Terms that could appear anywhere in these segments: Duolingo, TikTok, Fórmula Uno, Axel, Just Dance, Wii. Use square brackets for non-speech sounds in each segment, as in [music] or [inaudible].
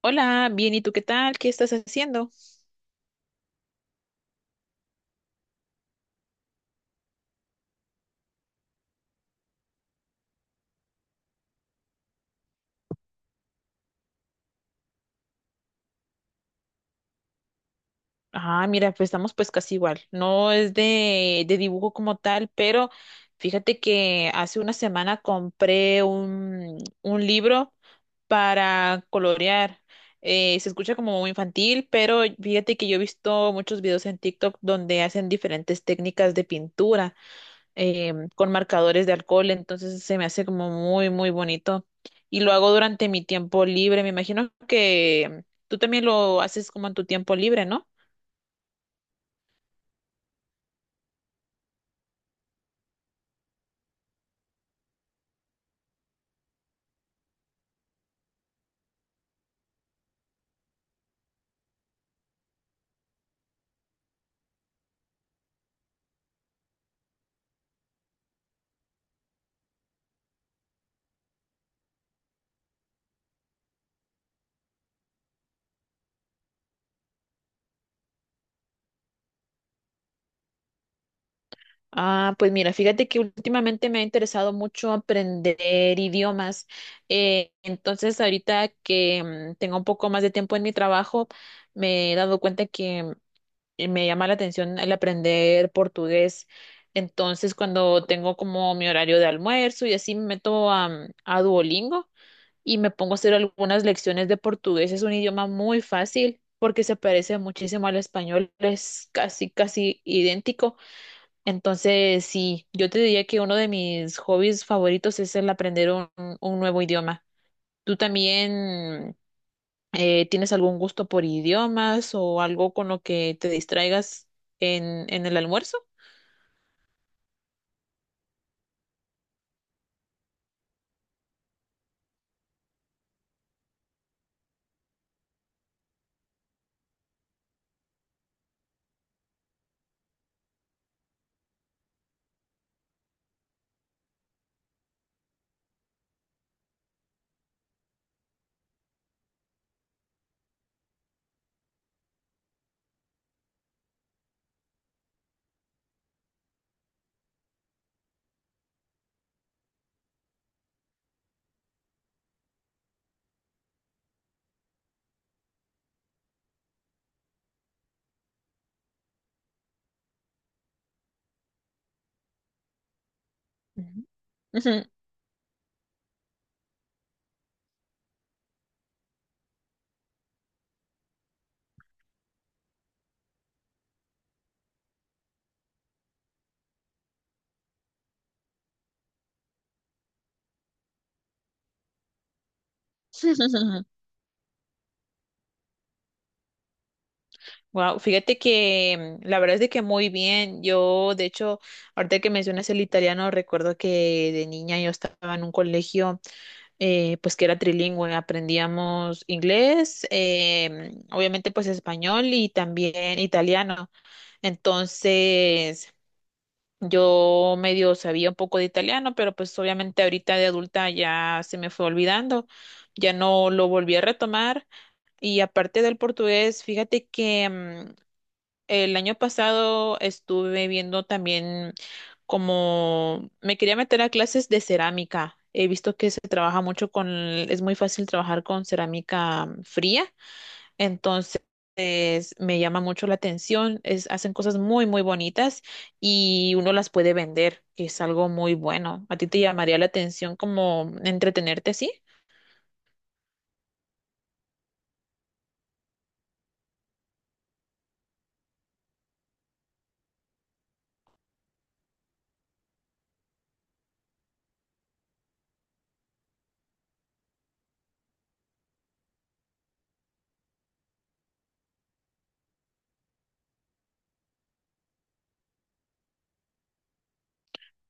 Hola, bien, ¿y tú qué tal? ¿Qué estás haciendo? Ah, mira, pues estamos pues casi igual. No es de dibujo como tal, pero fíjate que hace una semana compré un libro para colorear. Se escucha como muy infantil, pero fíjate que yo he visto muchos videos en TikTok donde hacen diferentes técnicas de pintura, con marcadores de alcohol, entonces se me hace como muy bonito. Y lo hago durante mi tiempo libre. Me imagino que tú también lo haces como en tu tiempo libre, ¿no? Ah, pues mira, fíjate que últimamente me ha interesado mucho aprender idiomas. Entonces, ahorita que tengo un poco más de tiempo en mi trabajo, me he dado cuenta que y me llama la atención el aprender portugués. Entonces, cuando tengo como mi horario de almuerzo y así me meto a Duolingo y me pongo a hacer algunas lecciones de portugués. Es un idioma muy fácil porque se parece muchísimo al español, es casi idéntico. Entonces, sí, yo te diría que uno de mis hobbies favoritos es el aprender un nuevo idioma. ¿Tú también? ¿Tienes algún gusto por idiomas o algo con lo que te distraigas en el almuerzo? Ujú. [laughs] Wow, fíjate que la verdad es de que muy bien. Yo, de hecho, ahorita que mencionas el italiano, recuerdo que de niña yo estaba en un colegio, pues que era trilingüe, aprendíamos inglés, obviamente pues español y también italiano. Entonces, yo medio sabía un poco de italiano, pero pues obviamente ahorita de adulta ya se me fue olvidando, ya no lo volví a retomar. Y aparte del portugués, fíjate que el año pasado estuve viendo también como me quería meter a clases de cerámica. He visto que se trabaja mucho con, es muy fácil trabajar con cerámica fría. Entonces, me llama mucho la atención. Es, hacen cosas muy bonitas y uno las puede vender, que es algo muy bueno. ¿A ti te llamaría la atención como entretenerte así?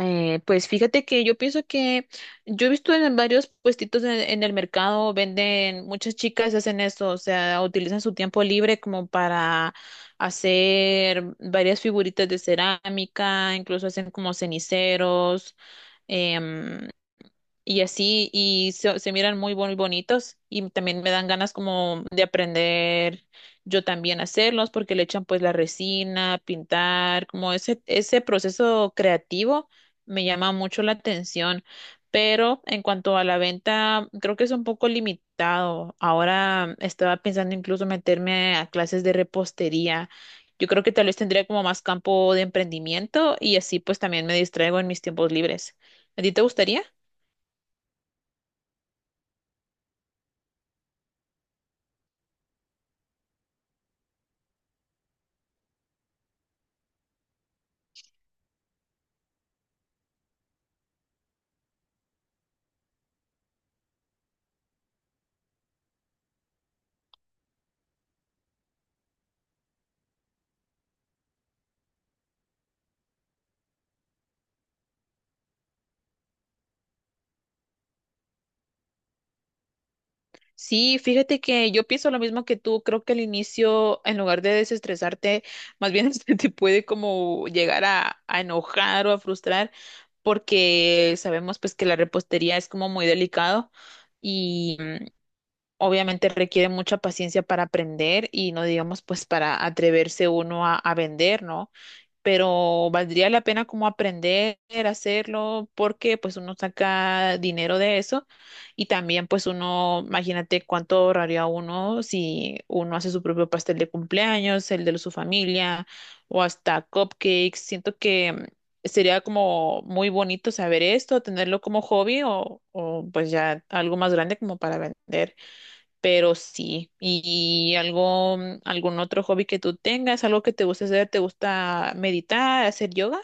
Pues fíjate que yo pienso que yo he visto en varios puestitos en el mercado, venden, muchas chicas hacen eso, o sea, utilizan su tiempo libre como para hacer varias figuritas de cerámica, incluso hacen como ceniceros, em, y así, y se miran muy bonitos y también me dan ganas como de aprender yo también a hacerlos porque le echan pues la resina, pintar, como ese proceso creativo me llama mucho la atención, pero en cuanto a la venta, creo que es un poco limitado. Ahora estaba pensando incluso meterme a clases de repostería. Yo creo que tal vez tendría como más campo de emprendimiento y así pues también me distraigo en mis tiempos libres. ¿A ti te gustaría? Sí, fíjate que yo pienso lo mismo que tú. Creo que al inicio, en lugar de desestresarte, más bien [laughs] se te puede como llegar a enojar o a frustrar, porque sabemos pues que la repostería es como muy delicado y obviamente requiere mucha paciencia para aprender y no digamos pues para atreverse uno a vender, ¿no? Pero valdría la pena como aprender a hacerlo porque pues uno saca dinero de eso y también pues uno, imagínate cuánto ahorraría uno si uno hace su propio pastel de cumpleaños, el de su familia o hasta cupcakes. Siento que sería como muy bonito saber esto, tenerlo como hobby o pues ya algo más grande como para vender. Pero sí, y algo, algún otro hobby que tú tengas, algo que te guste hacer, ¿te gusta meditar, hacer yoga?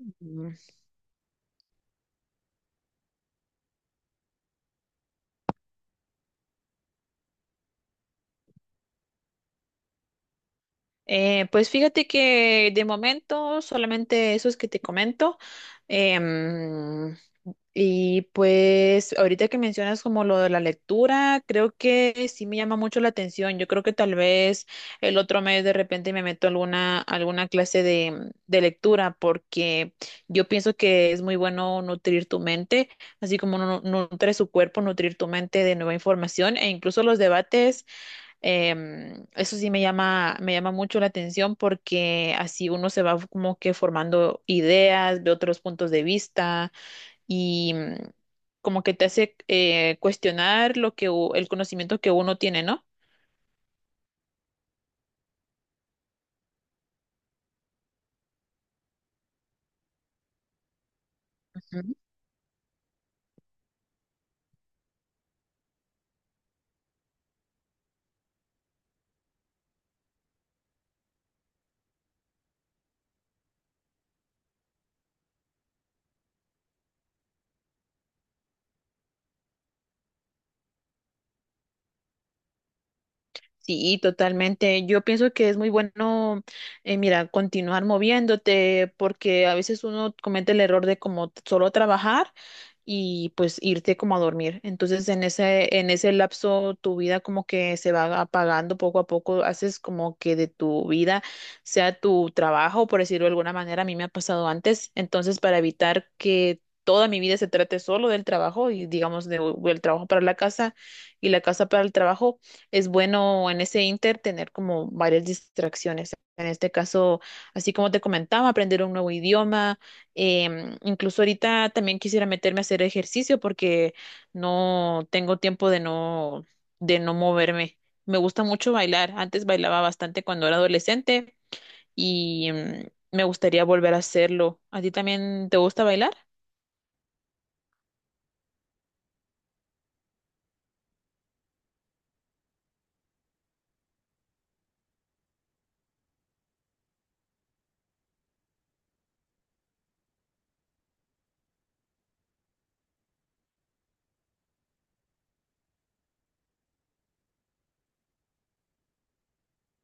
Mm. Pues fíjate que de momento solamente esos que te comento. Em, Y pues ahorita que mencionas como lo de la lectura, creo que sí me llama mucho la atención. Yo creo que tal vez el otro mes de repente me meto a alguna clase de lectura porque yo pienso que es muy bueno nutrir tu mente, así como nutre su cuerpo, nutrir tu mente de nueva información e incluso los debates. Eso sí me me llama mucho la atención porque así uno se va como que formando ideas, de otros puntos de vista y como que te hace cuestionar lo que el conocimiento que uno tiene, ¿no? Sí, totalmente. Yo pienso que es muy bueno, mira, continuar moviéndote, porque a veces uno comete el error de como solo trabajar y pues irte como a dormir. Entonces, en en ese lapso, tu vida como que se va apagando poco a poco. Haces como que de tu vida sea tu trabajo, por decirlo de alguna manera. A mí me ha pasado antes. Entonces, para evitar que toda mi vida se trate solo del trabajo y digamos del trabajo para la casa y la casa para el trabajo es bueno en ese inter tener como varias distracciones. En este caso, así como te comentaba, aprender un nuevo idioma. Incluso ahorita también quisiera meterme a hacer ejercicio porque no tengo tiempo de no moverme. Me gusta mucho bailar. Antes bailaba bastante cuando era adolescente y me gustaría volver a hacerlo. ¿A ti también te gusta bailar?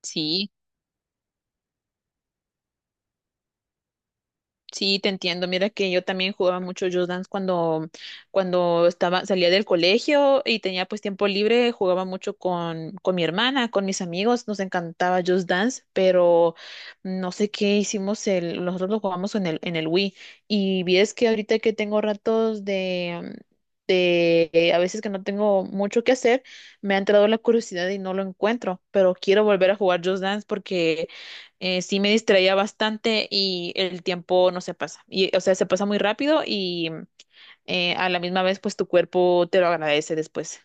Sí. Sí, te entiendo. Mira que yo también jugaba mucho Just Dance cuando estaba, salía del colegio y tenía pues tiempo libre, jugaba mucho con mi hermana, con mis amigos, nos encantaba Just Dance, pero no sé qué hicimos el, nosotros lo jugamos en en el Wii. Y vi es que ahorita que tengo ratos de a veces que no tengo mucho que hacer, me ha entrado la curiosidad y no lo encuentro, pero quiero volver a jugar Just Dance porque sí me distraía bastante y el tiempo no se pasa. Y, o sea, se pasa muy rápido y a la misma vez, pues tu cuerpo te lo agradece después.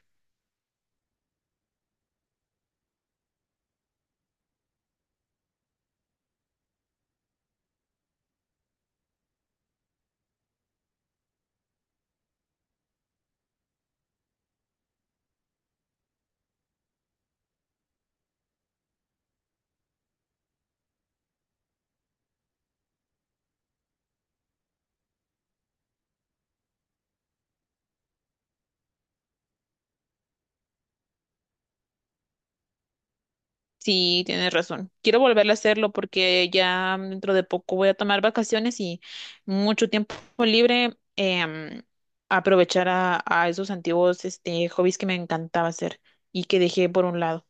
Sí, tienes razón. Quiero volver a hacerlo porque ya dentro de poco voy a tomar vacaciones y mucho tiempo libre. Aprovechar a esos antiguos este, hobbies que me encantaba hacer y que dejé por un lado.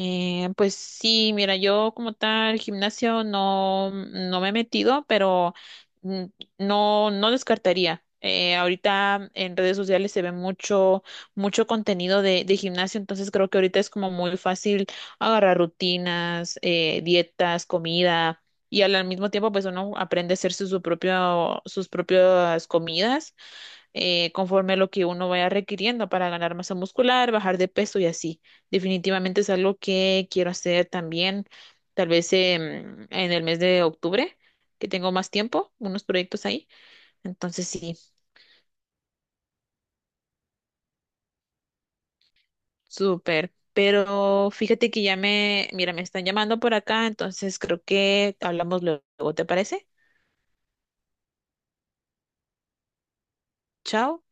Pues sí, mira, yo como tal gimnasio no me he metido, pero mm, no, no descartaría. Ahorita en redes sociales se ve mucho contenido de gimnasio, entonces creo que ahorita es como muy fácil agarrar rutinas, dietas, comida, y al mismo tiempo pues uno aprende a hacer su propio, sus propias comidas conforme a lo que uno vaya requiriendo para ganar masa muscular, bajar de peso y así. Definitivamente es algo que quiero hacer también, tal vez en el mes de octubre, que tengo más tiempo, unos proyectos ahí. Entonces sí, súper. Pero fíjate que ya me, mira, me están llamando por acá, entonces creo que hablamos luego, ¿te parece? Chao.